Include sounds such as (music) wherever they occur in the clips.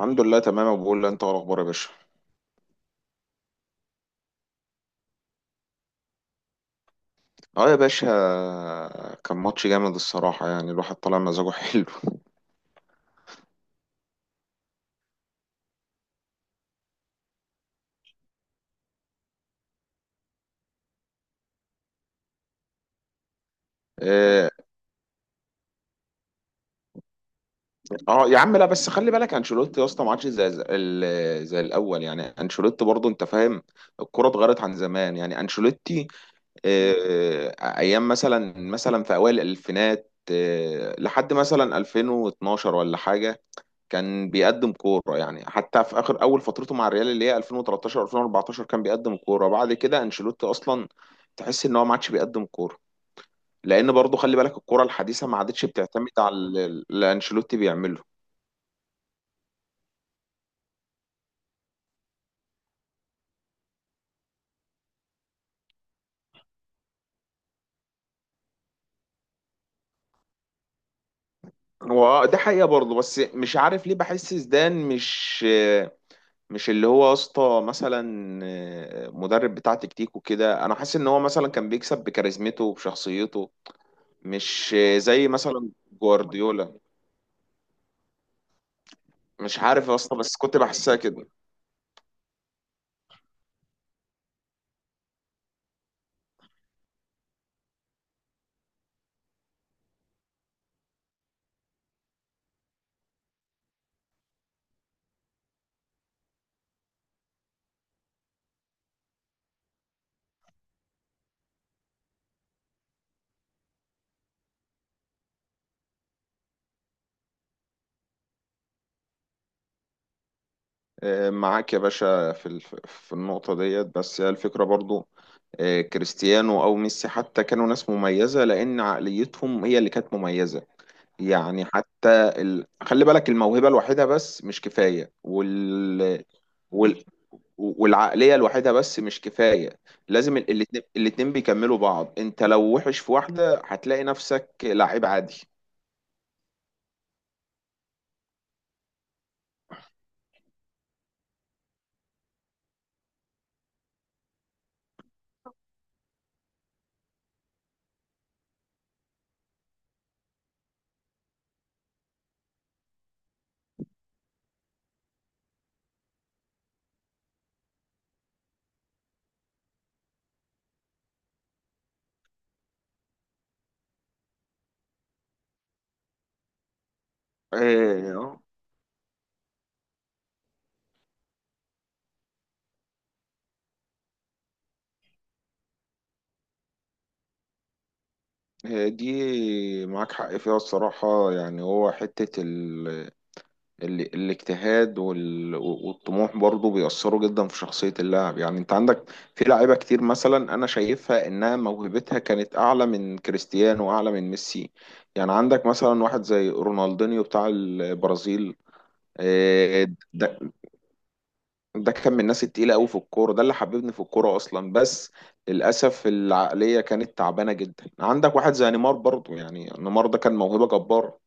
الحمد لله تمام أبو بقول انت إيه الاخبار يا باشا. اه يا باشا، كان ماتش جامد الصراحه، يعني الواحد طالع مزاجه (laughs) حلو. اه. يا عم لا بس خلي بالك انشيلوتي يا اسطى ما عادش زي الاول، يعني انشيلوتي برضه انت فاهم. الكوره اتغيرت عن زمان يعني انشيلوتي. اه ايام مثلا في اوائل الالفينات، لحد مثلا 2012 ولا حاجه، كان بيقدم كورة. يعني حتى في آخر أول فترته مع الريال اللي هي 2013 2014 كان بيقدم كورة. بعد كده أنشيلوتي أصلا تحس إن هو ما عادش بيقدم كورة، لأن برضه خلي بالك الكورة الحديثة ما عادتش بتعتمد على اللي أنشيلوتي بيعمله. هو ده حقيقة برضه، بس مش عارف ليه بحس زيدان مش اللي هو يا اسطى مثلا مدرب بتاع تكتيك وكده. أنا حاسس إن هو مثلا كان بيكسب بكاريزمته وبشخصيته، مش زي مثلا جوارديولا. مش عارف يا اسطى بس كنت بحسها كده. معاك يا باشا في في النقطة ديت، بس هي الفكرة برضو كريستيانو أو ميسي حتى كانوا ناس مميزة لأن عقليتهم هي اللي كانت مميزة. يعني حتى خلي بالك الموهبة الوحيدة بس مش كفاية، وال... والعقلية الوحيدة بس مش كفاية. لازم الاتنين بيكملوا بعض. انت لو وحش في واحدة هتلاقي نفسك لعيب عادي. آه، هي دي معاك حق فيها الصراحة، يعني هو حتة الاجتهاد والطموح برضو بيأثروا جدا في شخصية اللاعب. يعني انت عندك في لعيبة كتير مثلا انا شايفها انها موهبتها كانت اعلى من كريستيانو واعلى من ميسي. يعني عندك مثلا واحد زي رونالدينيو بتاع البرازيل. آه، ده ده كان من الناس التقيلة قوي في الكورة، ده اللي حببني في الكورة أصلا. بس للأسف العقلية كانت تعبانة جدا. عندك واحد زي نيمار برضو، يعني نيمار ده كان موهبة جبارة.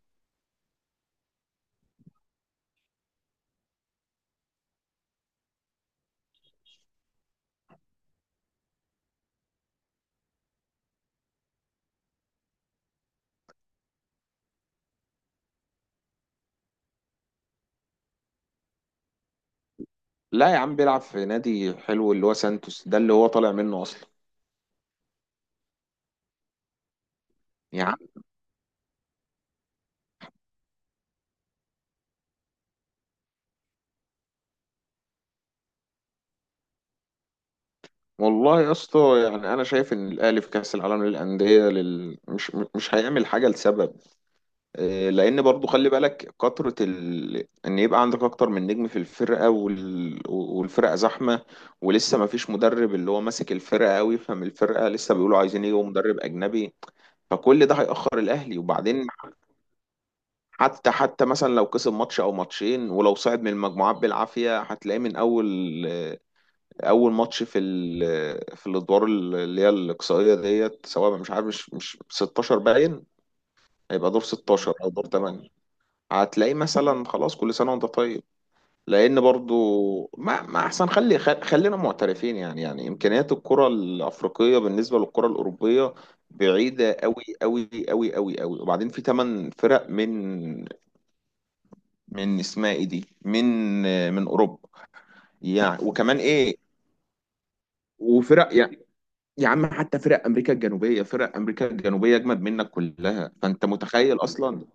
لا يا عم، بيلعب في نادي حلو اللي هو سانتوس ده اللي هو طالع منه أصلا. يا عم والله يا اسطى، يعني أنا شايف إن الأهلي في كأس العالم للأندية مش هيعمل حاجة لسبب. لان برضو خلي بالك كترة ان يبقى عندك اكتر من نجم في الفرقة، والفرقة زحمة. ولسه ما فيش مدرب اللي هو ماسك الفرقة قوي فاهم الفرقة. لسه بيقولوا عايزين يجيبوا مدرب اجنبي. فكل ده هيأخر الاهلي. وبعدين حتى مثلا لو كسب ماتش او ماتشين، ولو صعد من المجموعات بالعافية، هتلاقيه من اول اول ماتش في ال... آه، في الادوار اللي هي الاقصائية ديت، سواء مش عارف مش 16 باين، هيبقى دور 16 او دور 8. هتلاقيه مثلا خلاص، كل سنه وانت طيب، لان برضو ما احسن خلينا معترفين، يعني يعني امكانيات الكره الافريقيه بالنسبه للكره الاوروبيه بعيده قوي قوي قوي قوي قوي. وبعدين في 8 فرق من اسمها ايه دي، من اوروبا. يعني وكمان ايه وفرق، يعني يا عم حتى فرق امريكا الجنوبيه، فرق امريكا الجنوبيه اجمد منك كلها فانت متخيل اصلا.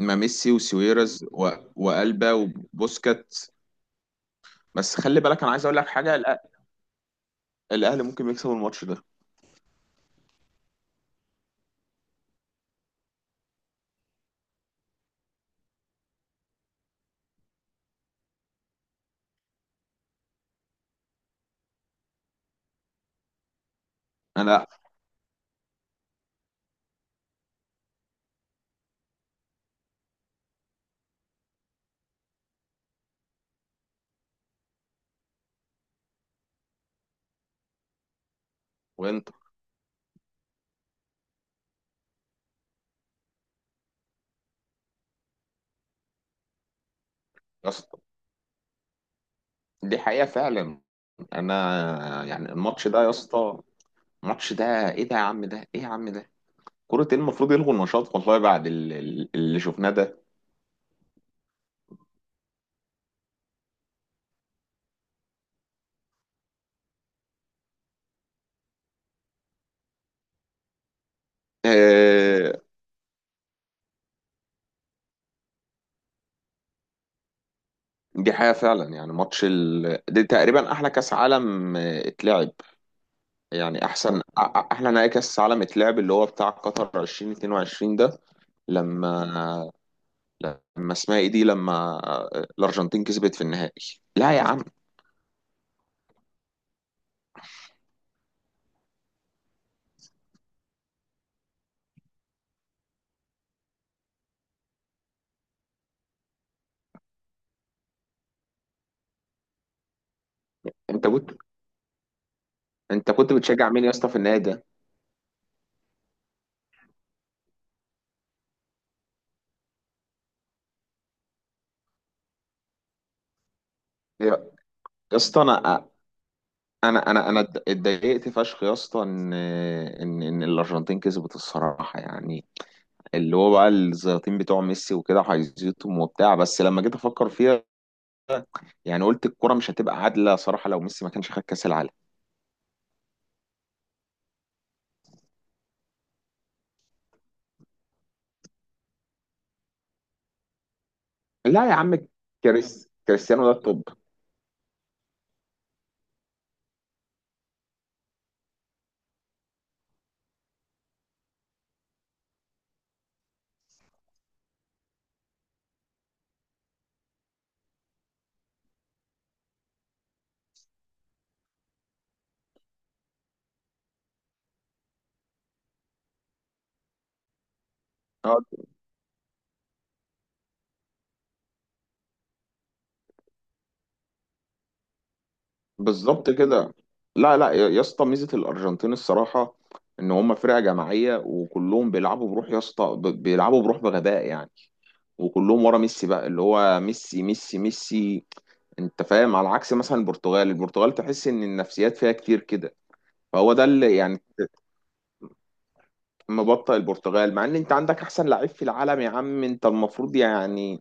ما ميسي وسويرز والبا وبوسكات. بس خلي بالك انا عايز اقول لك حاجه، الاهلي ممكن يكسب الماتش ده. انا وانت يا اسطى، دي حقيقه فعلا. انا يعني الماتش ده يا اسطى، الماتش ده، ايه ده يا عم، ده ايه يا عم ده، كرة ايه؟ المفروض يلغوا النشاط والله بعد اللي شفناه ده. آه، دي حقيقة فعلا، يعني ماتش دي تقريبا احلى كاس عالم اتلعب. يعني احسن احلى نهائي كاس عالم اتلعب، اللي هو بتاع قطر 2022 ده، لما لما اسمها ايه دي لما الارجنتين كسبت في النهائي. لا يا عم. انت كنت انت كنت بتشجع مين يا اسطى في النهائي ده؟ يا يا اسطى، انا اتضايقت فشخ يا اسطى ان الارجنتين كسبت الصراحه، يعني اللي هو بقى الزياطين بتوع ميسي وكده هيزيطهم وبتاع، بس لما جيت افكر فيها يعني قلت الكرة مش هتبقى عادلة صراحة لو ميسي ما كانش خد كأس العالم. لا يا عم، كريستيانو ده الطب. بالظبط كده. لا يا يا اسطى، ميزه الارجنتين الصراحه ان هم فرقه جماعيه وكلهم بيلعبوا بروح يا اسطى، بيلعبوا بروح بغباء يعني. وكلهم ورا ميسي بقى، اللي هو ميسي ميسي ميسي. انت فاهم؟ على عكس مثلا البرتغال، البرتغال تحس ان النفسيات فيها كتير كده. فهو ده اللي يعني مبطئ البرتغال، مع ان انت عندك احسن لعيب في العالم يا عم، انت المفروض يعني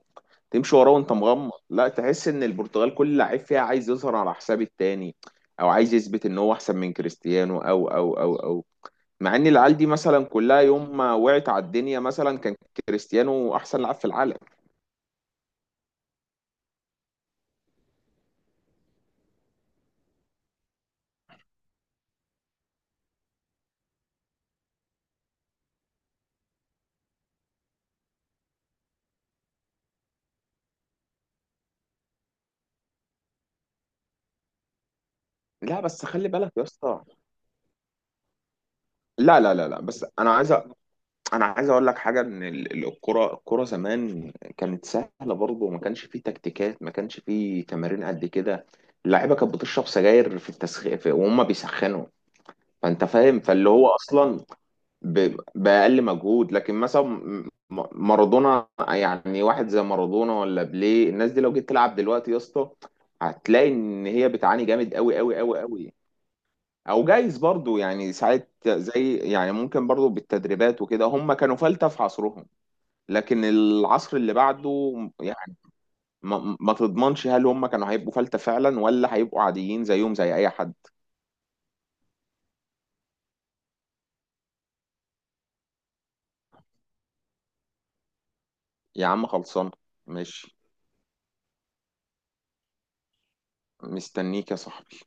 تمشي وراه وانت مغمض. لا تحس ان البرتغال كل لعيب فيها عايز يظهر على حساب التاني، او عايز يثبت ان هو احسن من كريستيانو او مع ان العيال دي مثلا كلها يوم ما وقعت على الدنيا مثلا كان كريستيانو احسن لاعب في العالم. لا بس خلي بالك يا اسطى، لا بس انا عايز اقول لك حاجه، ان الكره، زمان كانت سهله برضه، وما كانش فيه تكتيكات، ما كانش فيه تمارين قد كده. اللعيبه كانت بتشرب سجاير في التسخين وهم بيسخنوا. فانت فاهم، فاللي هو اصلا بأقل مجهود. لكن مثلا مارادونا، يعني واحد زي مارادونا ولا بيليه، الناس دي لو جيت تلعب دلوقتي يا اسطى هتلاقي ان هي بتعاني جامد قوي قوي قوي قوي. او جايز برضو يعني ساعات زي يعني، ممكن برضو بالتدريبات وكده هم كانوا فلتة في عصرهم، لكن العصر اللي بعده يعني ما تضمنش هل هم كانوا هيبقوا فلتة فعلا ولا هيبقوا عاديين زيهم زي اي حد. يا عم خلصان، ماشي، مستنيك يا صاحبي.